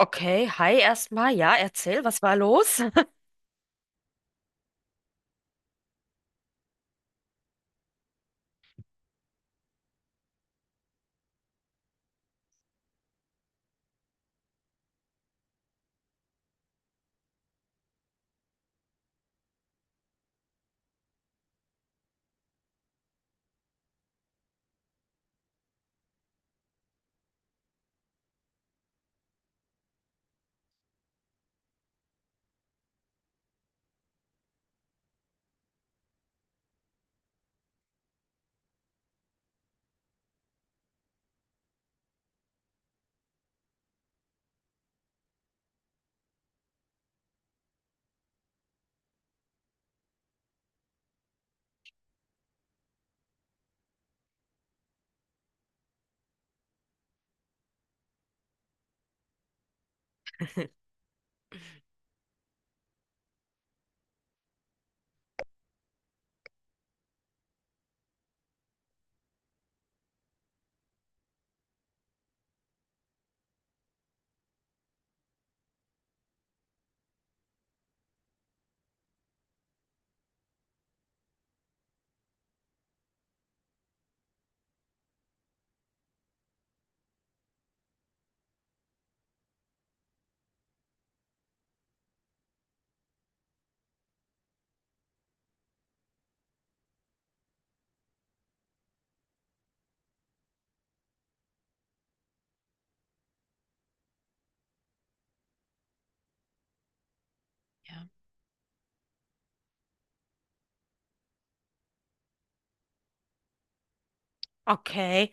Okay, hi erstmal. Ja, erzähl, was war los? Ja. Okay.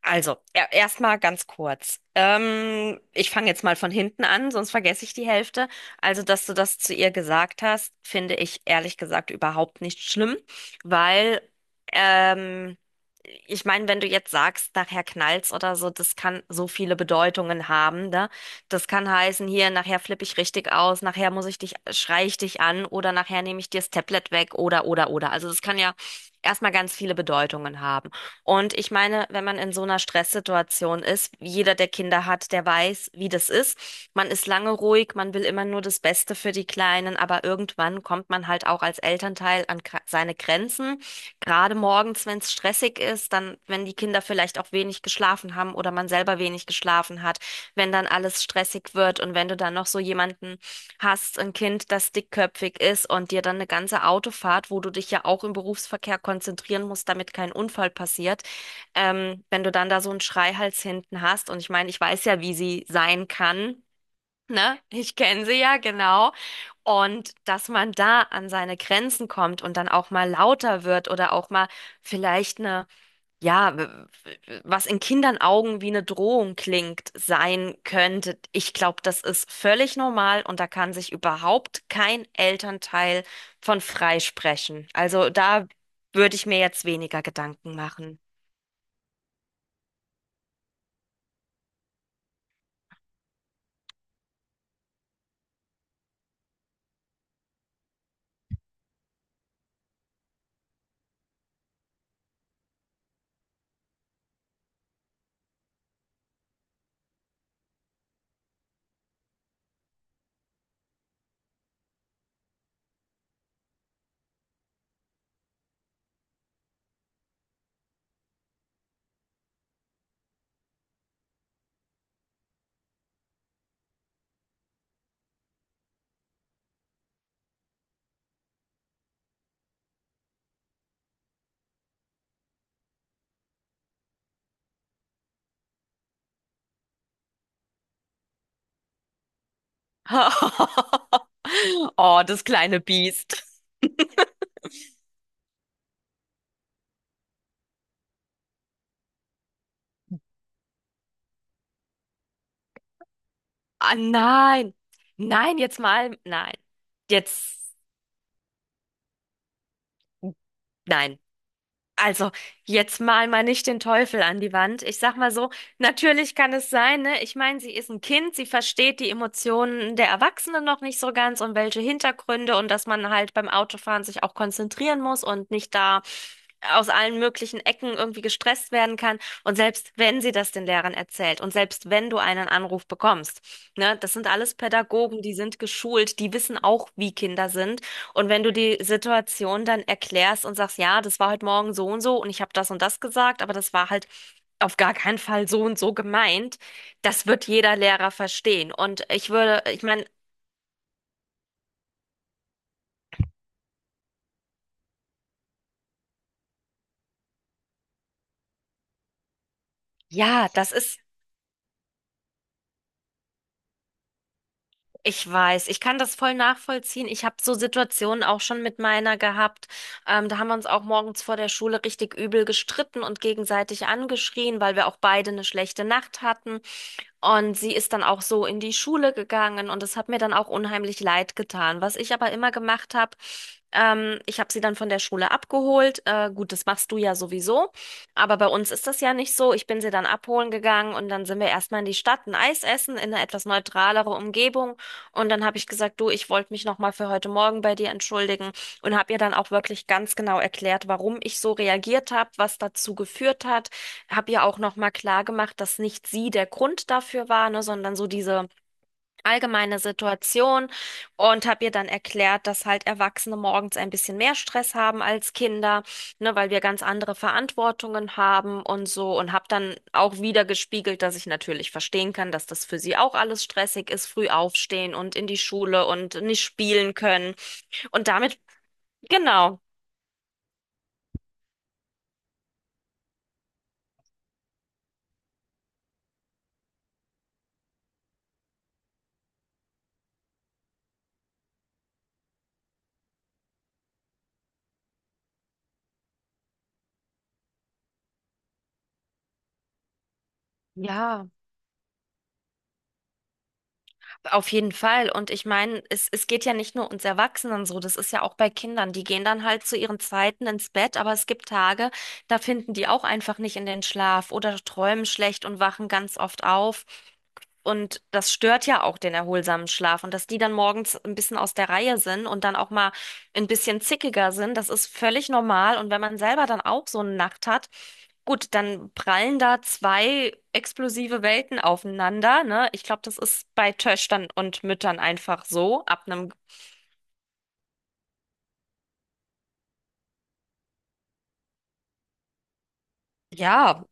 Also, erstmal ganz kurz. Ich fange jetzt mal von hinten an, sonst vergesse ich die Hälfte. Also, dass du das zu ihr gesagt hast, finde ich ehrlich gesagt überhaupt nicht schlimm, weil ähm, ich meine, wenn du jetzt sagst, nachher knallt's oder so, das kann so viele Bedeutungen haben, ne? Das kann heißen, hier, nachher flippe ich richtig aus, nachher muss ich dich, schrei ich dich an oder nachher nehme ich dir das Tablet weg oder oder. Also, das kann ja erstmal ganz viele Bedeutungen haben. Und ich meine, wenn man in so einer Stresssituation ist, jeder, der Kinder hat, der weiß, wie das ist. Man ist lange ruhig, man will immer nur das Beste für die Kleinen, aber irgendwann kommt man halt auch als Elternteil an seine Grenzen. Gerade morgens, wenn es stressig ist, dann, wenn die Kinder vielleicht auch wenig geschlafen haben oder man selber wenig geschlafen hat, wenn dann alles stressig wird und wenn du dann noch so jemanden hast ein Kind, das dickköpfig ist und dir dann eine ganze Autofahrt, wo du dich ja auch im Berufsverkehr konzentrieren musst, damit kein Unfall passiert, wenn du dann da so einen Schreihals hinten hast. Und ich meine, ich weiß ja, wie sie sein kann. Ne? Ich kenne sie ja, genau. Und dass man da an seine Grenzen kommt und dann auch mal lauter wird oder auch mal vielleicht eine ja, was in Kindern Augen wie eine Drohung klingt, sein könnte. Ich glaube, das ist völlig normal und da kann sich überhaupt kein Elternteil von freisprechen. Also da würde ich mir jetzt weniger Gedanken machen. Oh, das kleine Biest. Ah, nein. Nein, jetzt mal. Nein. Jetzt. Nein. Also, jetzt mal nicht den Teufel an die Wand. Ich sag mal so, natürlich kann es sein, ne? Ich meine, sie ist ein Kind, sie versteht die Emotionen der Erwachsenen noch nicht so ganz und welche Hintergründe und dass man halt beim Autofahren sich auch konzentrieren muss und nicht da aus allen möglichen Ecken irgendwie gestresst werden kann. Und selbst wenn sie das den Lehrern erzählt und selbst wenn du einen Anruf bekommst, ne, das sind alles Pädagogen, die sind geschult, die wissen auch, wie Kinder sind. Und wenn du die Situation dann erklärst und sagst, ja, das war heute Morgen so und so und ich habe das und das gesagt, aber das war halt auf gar keinen Fall so und so gemeint, das wird jeder Lehrer verstehen. Und ich würde, ich meine, ja, das ist. Ich weiß, ich kann das voll nachvollziehen. Ich habe so Situationen auch schon mit meiner gehabt. Da haben wir uns auch morgens vor der Schule richtig übel gestritten und gegenseitig angeschrien, weil wir auch beide eine schlechte Nacht hatten. Und sie ist dann auch so in die Schule gegangen und es hat mir dann auch unheimlich leid getan. Was ich aber immer gemacht habe, ich habe sie dann von der Schule abgeholt. Gut, das machst du ja sowieso, aber bei uns ist das ja nicht so. Ich bin sie dann abholen gegangen und dann sind wir erstmal in die Stadt ein Eis essen in eine etwas neutralere Umgebung und dann habe ich gesagt, du, ich wollte mich nochmal für heute Morgen bei dir entschuldigen und habe ihr dann auch wirklich ganz genau erklärt, warum ich so reagiert habe, was dazu geführt hat. Habe ihr auch nochmal klar gemacht, dass nicht sie der Grund dafür war, ne, sondern so diese allgemeine Situation und habe ihr dann erklärt, dass halt Erwachsene morgens ein bisschen mehr Stress haben als Kinder, ne, weil wir ganz andere Verantwortungen haben und so und habe dann auch wieder gespiegelt, dass ich natürlich verstehen kann, dass das für sie auch alles stressig ist, früh aufstehen und in die Schule und nicht spielen können und damit, genau. Ja. Auf jeden Fall. Und ich meine, es geht ja nicht nur uns Erwachsenen so, das ist ja auch bei Kindern. Die gehen dann halt zu ihren Zeiten ins Bett, aber es gibt Tage, da finden die auch einfach nicht in den Schlaf oder träumen schlecht und wachen ganz oft auf. Und das stört ja auch den erholsamen Schlaf. Und dass die dann morgens ein bisschen aus der Reihe sind und dann auch mal ein bisschen zickiger sind, das ist völlig normal. Und wenn man selber dann auch so eine Nacht hat, gut, dann prallen da zwei explosive Welten aufeinander, ne? Ich glaube, das ist bei Töchtern und Müttern einfach so. Ab einem, ja,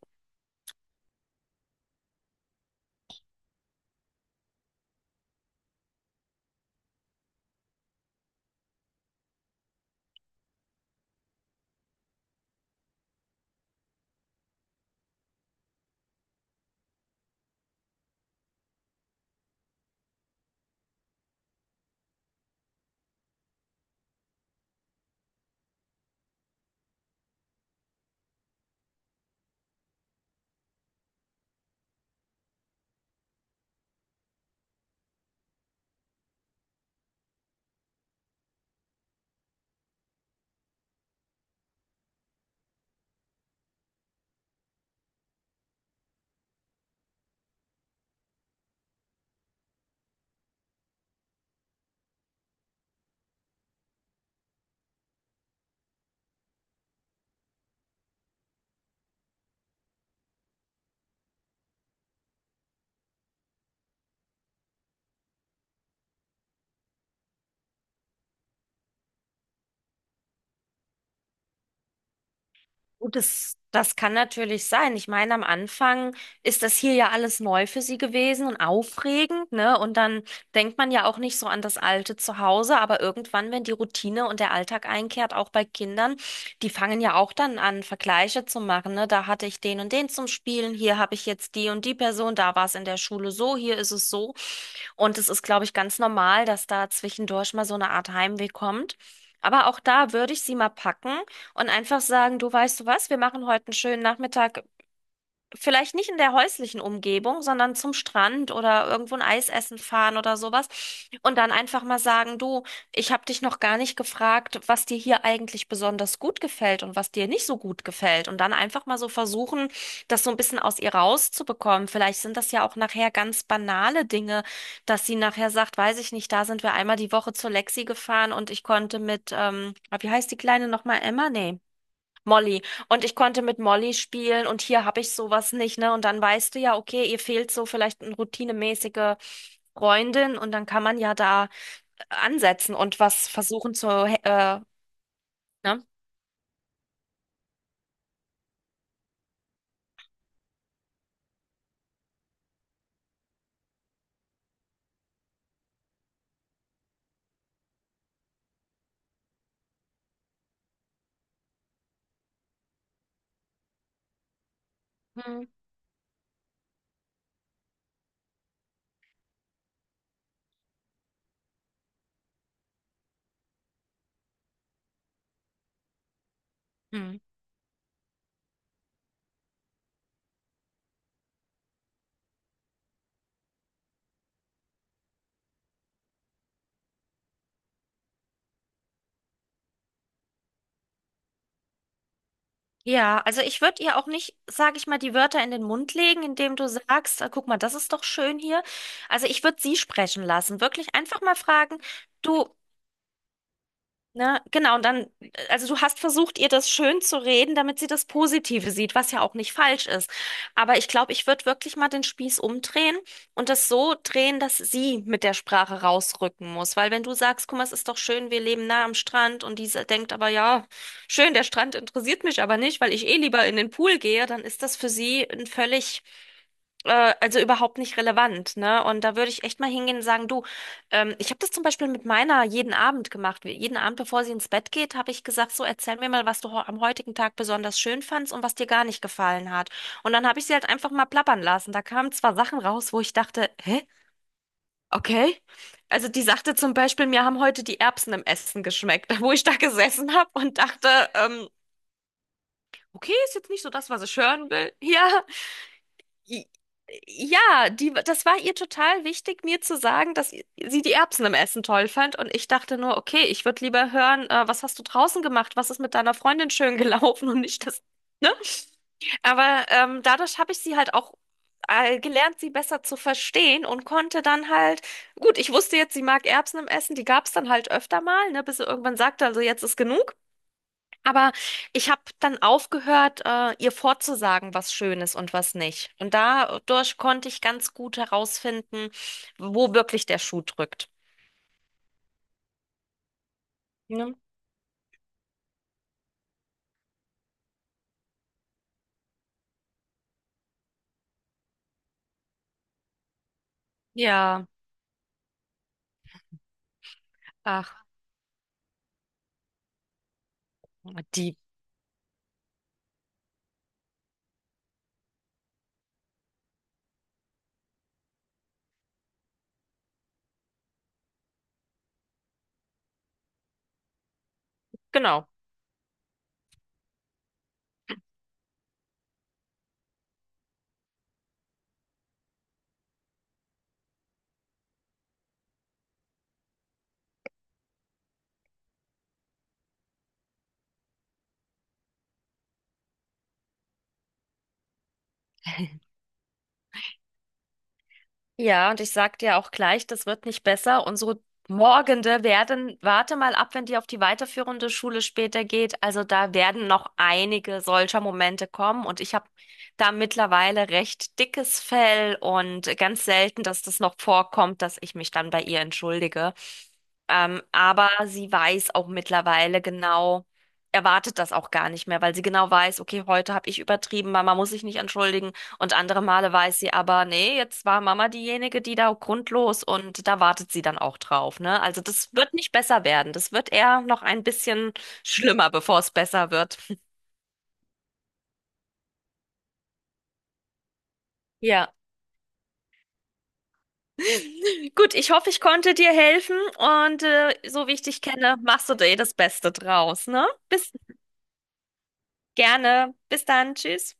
gut, das, das kann natürlich sein. Ich meine, am Anfang ist das hier ja alles neu für sie gewesen und aufregend, ne? Und dann denkt man ja auch nicht so an das alte Zuhause, aber irgendwann, wenn die Routine und der Alltag einkehrt, auch bei Kindern, die fangen ja auch dann an, Vergleiche zu machen, ne? Da hatte ich den und den zum Spielen, hier habe ich jetzt die und die Person, da war es in der Schule so, hier ist es so. Und es ist, glaube ich, ganz normal, dass da zwischendurch mal so eine Art Heimweh kommt. Aber auch da würde ich sie mal packen und einfach sagen, du weißt du was, wir machen heute einen schönen Nachmittag, vielleicht nicht in der häuslichen Umgebung, sondern zum Strand oder irgendwo ein Eis essen fahren oder sowas. Und dann einfach mal sagen, du, ich habe dich noch gar nicht gefragt, was dir hier eigentlich besonders gut gefällt und was dir nicht so gut gefällt. Und dann einfach mal so versuchen, das so ein bisschen aus ihr rauszubekommen. Vielleicht sind das ja auch nachher ganz banale Dinge, dass sie nachher sagt, weiß ich nicht, da sind wir einmal die Woche zur Lexi gefahren und ich konnte mit, ah, wie heißt die Kleine nochmal, Emma? Nee. Molly. Und ich konnte mit Molly spielen und hier habe ich sowas nicht, ne? Und dann weißt du ja, okay, ihr fehlt so vielleicht eine routinemäßige Freundin und dann kann man ja da ansetzen und was versuchen zu, ne? Hm. Hm. Ja, also ich würde ihr auch nicht, sage ich mal, die Wörter in den Mund legen, indem du sagst, guck mal, das ist doch schön hier. Also ich würde sie sprechen lassen. Wirklich einfach mal fragen, du, ne? Genau, und dann, also du hast versucht, ihr das schön zu reden, damit sie das Positive sieht, was ja auch nicht falsch ist. Aber ich glaube, ich würde wirklich mal den Spieß umdrehen und das so drehen, dass sie mit der Sprache rausrücken muss. Weil wenn du sagst, guck mal, es ist doch schön, wir leben nah am Strand und diese denkt aber, ja, schön, der Strand interessiert mich aber nicht, weil ich eh lieber in den Pool gehe, dann ist das für sie ein völlig also überhaupt nicht relevant, ne? Und da würde ich echt mal hingehen und sagen, du, ich habe das zum Beispiel mit meiner jeden Abend gemacht. Jeden Abend, bevor sie ins Bett geht, habe ich gesagt, so erzähl mir mal, was du am heutigen Tag besonders schön fandst und was dir gar nicht gefallen hat. Und dann habe ich sie halt einfach mal plappern lassen. Da kamen zwar Sachen raus, wo ich dachte, hä? Okay. Also die sagte zum Beispiel, mir haben heute die Erbsen im Essen geschmeckt, wo ich da gesessen habe und dachte, ähm, okay, ist jetzt nicht so das, was ich hören will. Ja. Ja, die, das war ihr total wichtig, mir zu sagen, dass sie die Erbsen im Essen toll fand. Und ich dachte nur, okay, ich würde lieber hören, was hast du draußen gemacht? Was ist mit deiner Freundin schön gelaufen und nicht das, ne? Aber dadurch habe ich sie halt auch gelernt, sie besser zu verstehen und konnte dann halt, gut, ich wusste jetzt, sie mag Erbsen im Essen, die gab es dann halt öfter mal, ne, bis sie irgendwann sagte, also jetzt ist genug. Aber ich habe dann aufgehört, ihr vorzusagen, was schön ist und was nicht. Und dadurch konnte ich ganz gut herausfinden, wo wirklich der Schuh drückt. Ne? Ja, ach, die, genau. Ja, und ich sag dir auch gleich, das wird nicht besser. Unsere Morgende werden, warte mal ab, wenn die auf die weiterführende Schule später geht. Also da werden noch einige solcher Momente kommen. Und ich habe da mittlerweile recht dickes Fell und ganz selten, dass das noch vorkommt, dass ich mich dann bei ihr entschuldige. Aber sie weiß auch mittlerweile genau, erwartet das auch gar nicht mehr, weil sie genau weiß, okay, heute habe ich übertrieben, Mama muss sich nicht entschuldigen. Und andere Male weiß sie aber, nee, jetzt war Mama diejenige, die da grundlos und da wartet sie dann auch drauf, ne? Also das wird nicht besser werden. Das wird eher noch ein bisschen schlimmer, bevor es besser wird. Ja. Gut, ich hoffe, ich konnte dir helfen und so wie ich dich kenne, machst du dir das Beste draus, ne? Bis gerne. Bis dann. Tschüss.